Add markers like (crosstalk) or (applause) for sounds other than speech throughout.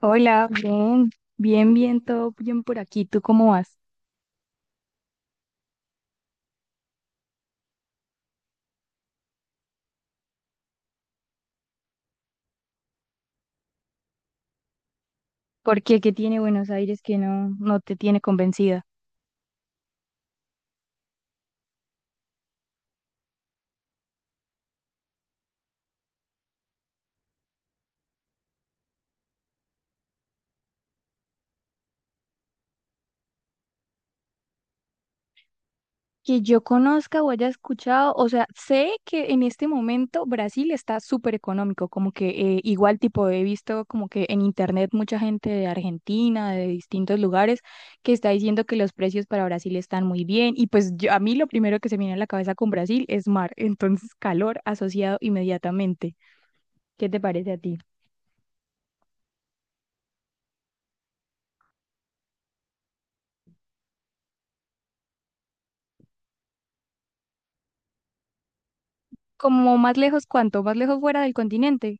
Hola, bien, bien, bien, todo bien por aquí. ¿Tú cómo vas? ¿Por qué? ¿Qué tiene Buenos Aires que no te tiene convencida? Que yo conozca o haya escuchado, o sea, sé que en este momento Brasil está súper económico, como que igual tipo he visto como que en internet mucha gente de Argentina, de distintos lugares, que está diciendo que los precios para Brasil están muy bien y pues a mí lo primero que se me viene a la cabeza con Brasil es mar, entonces calor asociado inmediatamente. ¿Qué te parece a ti? Como más lejos, ¿cuánto? Más lejos fuera del continente.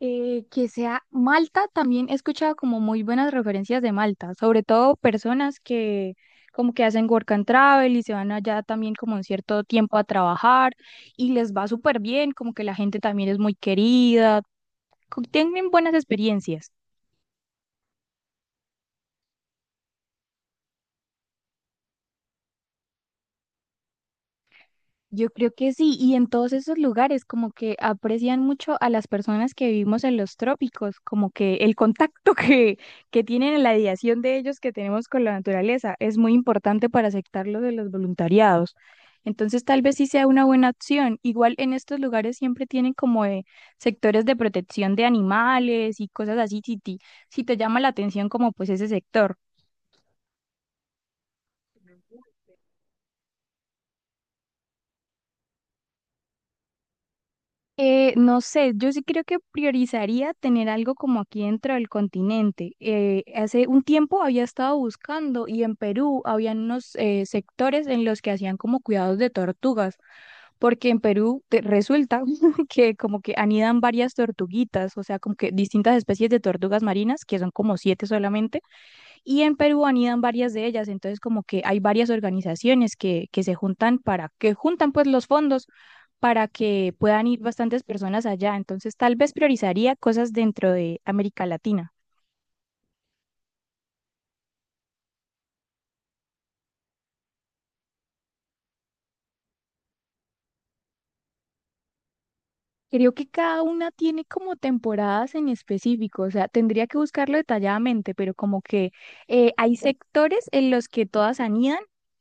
Que sea Malta, también he escuchado como muy buenas referencias de Malta, sobre todo personas que como que hacen work and travel y se van allá también como un cierto tiempo a trabajar y les va súper bien, como que la gente también es muy querida, tienen buenas experiencias. Yo creo que sí, y en todos esos lugares como que aprecian mucho a las personas que vivimos en los trópicos, como que el contacto (laughs) que, que tienen en la ideación de ellos que tenemos con la naturaleza es muy importante para aceptar lo de los voluntariados. Entonces tal vez sí sea una buena opción. Igual en estos lugares siempre tienen como sectores de protección de animales y cosas así, si, si te llama la atención como pues ese sector. No sé, yo sí creo que priorizaría tener algo como aquí dentro del continente. Hace un tiempo había estado buscando y en Perú habían unos sectores en los que hacían como cuidados de tortugas, porque en Perú resulta (laughs) que como que anidan varias tortuguitas, o sea, como que distintas especies de tortugas marinas, que son como siete solamente. Y en Perú anidan varias de ellas, entonces como que hay varias organizaciones que se juntan para, que juntan pues los fondos para que puedan ir bastantes personas allá. Entonces tal vez priorizaría cosas dentro de América Latina. Creo que cada una tiene como temporadas en específico, o sea, tendría que buscarlo detalladamente, pero como que hay sectores en los que todas anidan,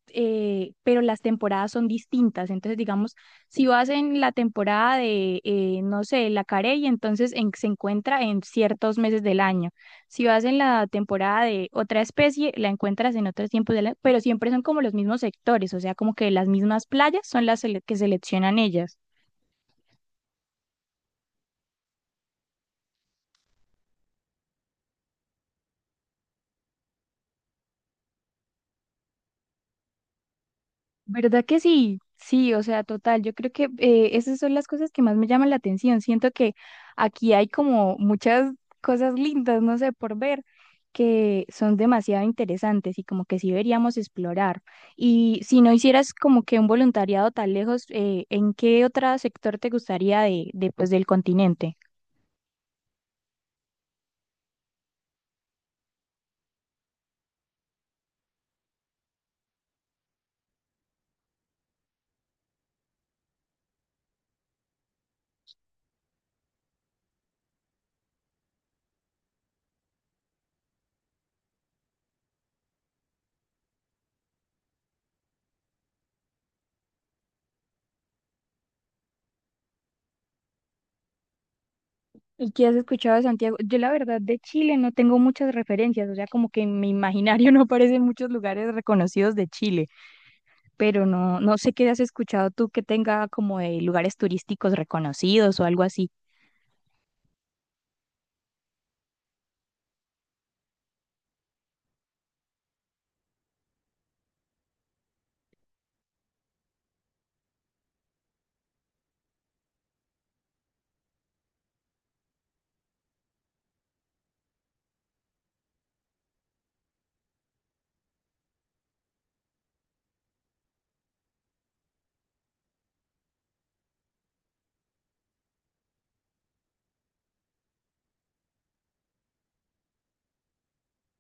pero las temporadas son distintas. Entonces, digamos, si vas en la temporada de, no sé, la carey, entonces se encuentra en ciertos meses del año. Si vas en la temporada de otra especie, la encuentras en otros tiempos del año, pero siempre son como los mismos sectores, o sea, como que las mismas playas son las que seleccionan ellas. ¿Verdad que sí? Sí, o sea, total, yo creo que esas son las cosas que más me llaman la atención. Siento que aquí hay como muchas cosas lindas, no sé, por ver, que son demasiado interesantes y como que sí deberíamos explorar. Y si no hicieras como que un voluntariado tan lejos, ¿en qué otro sector te gustaría pues, del continente? ¿Y qué has escuchado de Santiago? Yo la verdad de Chile no tengo muchas referencias, o sea, como que en mi imaginario (laughs) no aparecen muchos lugares reconocidos de Chile. Pero no sé qué has escuchado tú que tenga como de lugares turísticos reconocidos o algo así.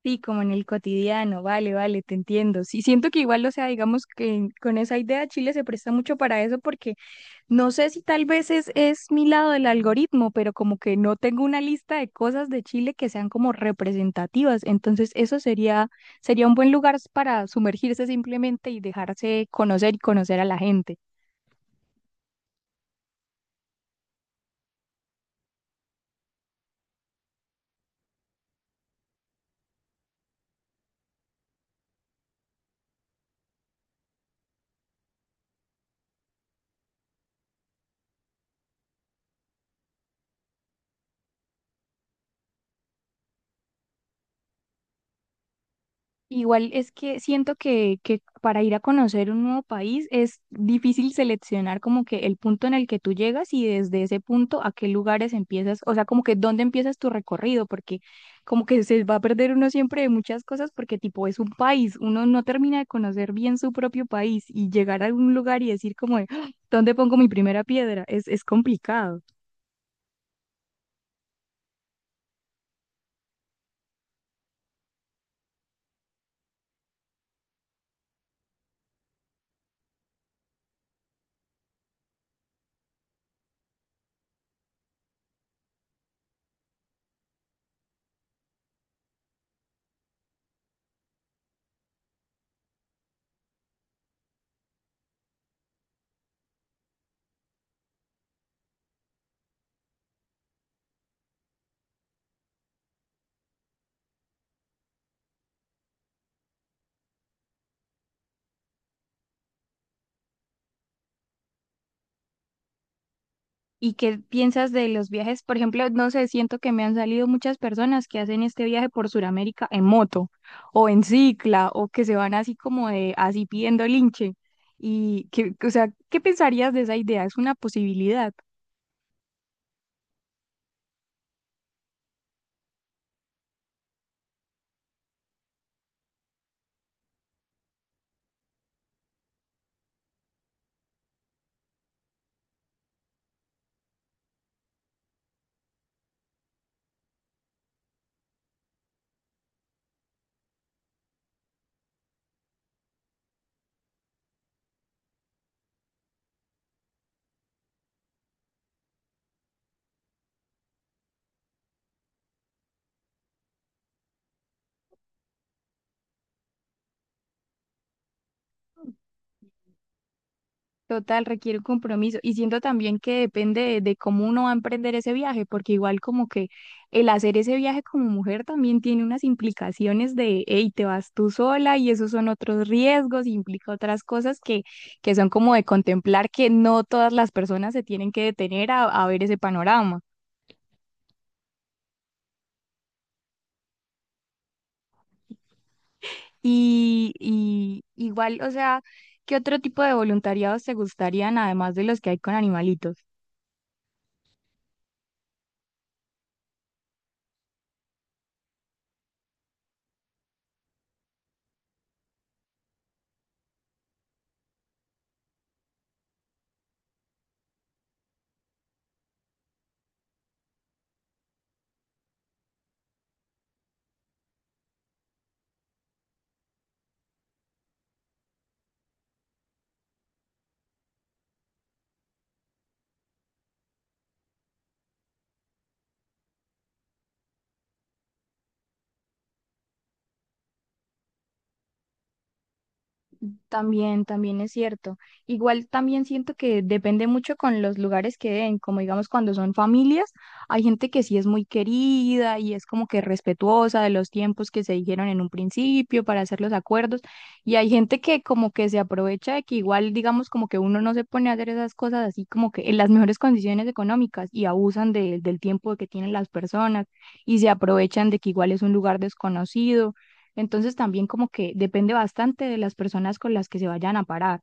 Sí, como en el cotidiano, vale, vale, te entiendo. Sí, siento que igual, o sea, digamos que con esa idea Chile se presta mucho para eso porque no sé si tal vez es mi lado del algoritmo, pero como que no tengo una lista de cosas de Chile que sean como representativas. Entonces, sería un buen lugar para sumergirse simplemente y dejarse conocer y conocer a la gente. Igual es que siento que para ir a conocer un nuevo país es difícil seleccionar como que el punto en el que tú llegas y desde ese punto a qué lugares empiezas, o sea, como que dónde empiezas tu recorrido, porque como que se va a perder uno siempre de muchas cosas porque tipo es un país, uno no termina de conocer bien su propio país y llegar a un lugar y decir como de, "Ah, ¿dónde pongo mi primera piedra?" Es complicado. ¿Y qué piensas de los viajes? Por ejemplo, no sé, siento que me han salido muchas personas que hacen este viaje por Sudamérica en moto o en cicla o que se van así como de así pidiendo linche. Y que, o sea, ¿qué pensarías de esa idea? ¿Es una posibilidad? Total, requiere un compromiso. Y siento también que depende de cómo uno va a emprender ese viaje, porque igual como que el hacer ese viaje como mujer también tiene unas implicaciones de, hey, te vas tú sola y esos son otros riesgos, implica otras cosas que son como de contemplar que no todas las personas se tienen que detener a ver ese panorama. Y igual, o sea, ¿qué otro tipo de voluntariados te gustarían además de los que hay con animalitos? También, también es cierto. Igual también siento que depende mucho con los lugares que den, como digamos cuando son familias, hay gente que sí es muy querida y es como que respetuosa de los tiempos que se dijeron en un principio para hacer los acuerdos, y hay gente que como que se aprovecha de que igual digamos como que uno no se pone a hacer esas cosas así como que en las mejores condiciones económicas y abusan del tiempo que tienen las personas y se aprovechan de que igual es un lugar desconocido entonces también como que depende bastante de las personas con las que se vayan a parar.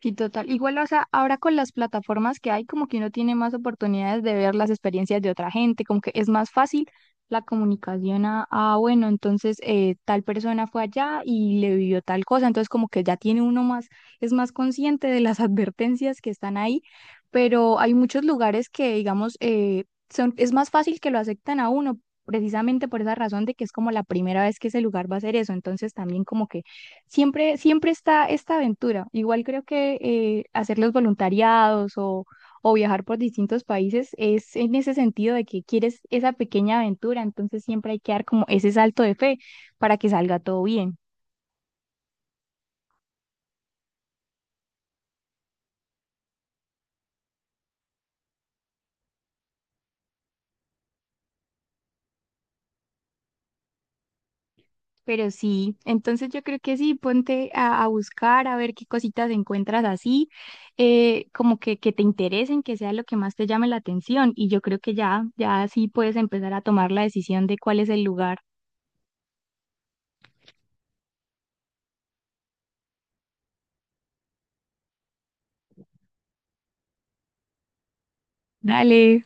Sí, total. Igual, o sea, ahora con las plataformas que hay, como que uno tiene más oportunidades de ver las experiencias de otra gente, como que es más fácil la comunicación a, ah, bueno, entonces tal persona fue allá y le vivió tal cosa, entonces como que ya tiene uno más, es más consciente de las (laughs) advertencias que están ahí, pero hay muchos lugares que, digamos, es más fácil que lo aceptan a uno, precisamente por esa razón de que es como la primera vez que ese lugar va a hacer eso, entonces también como que siempre está esta aventura. Igual creo que hacer los voluntariados o viajar por distintos países es en ese sentido de que quieres esa pequeña aventura, entonces siempre hay que dar como ese salto de fe para que salga todo bien. Pero sí, entonces yo creo que sí, ponte a buscar, a ver qué cositas encuentras así, como que te interesen, que sea lo que más te llame la atención. Y yo creo que ya sí puedes empezar a tomar la decisión de cuál es el lugar. Dale.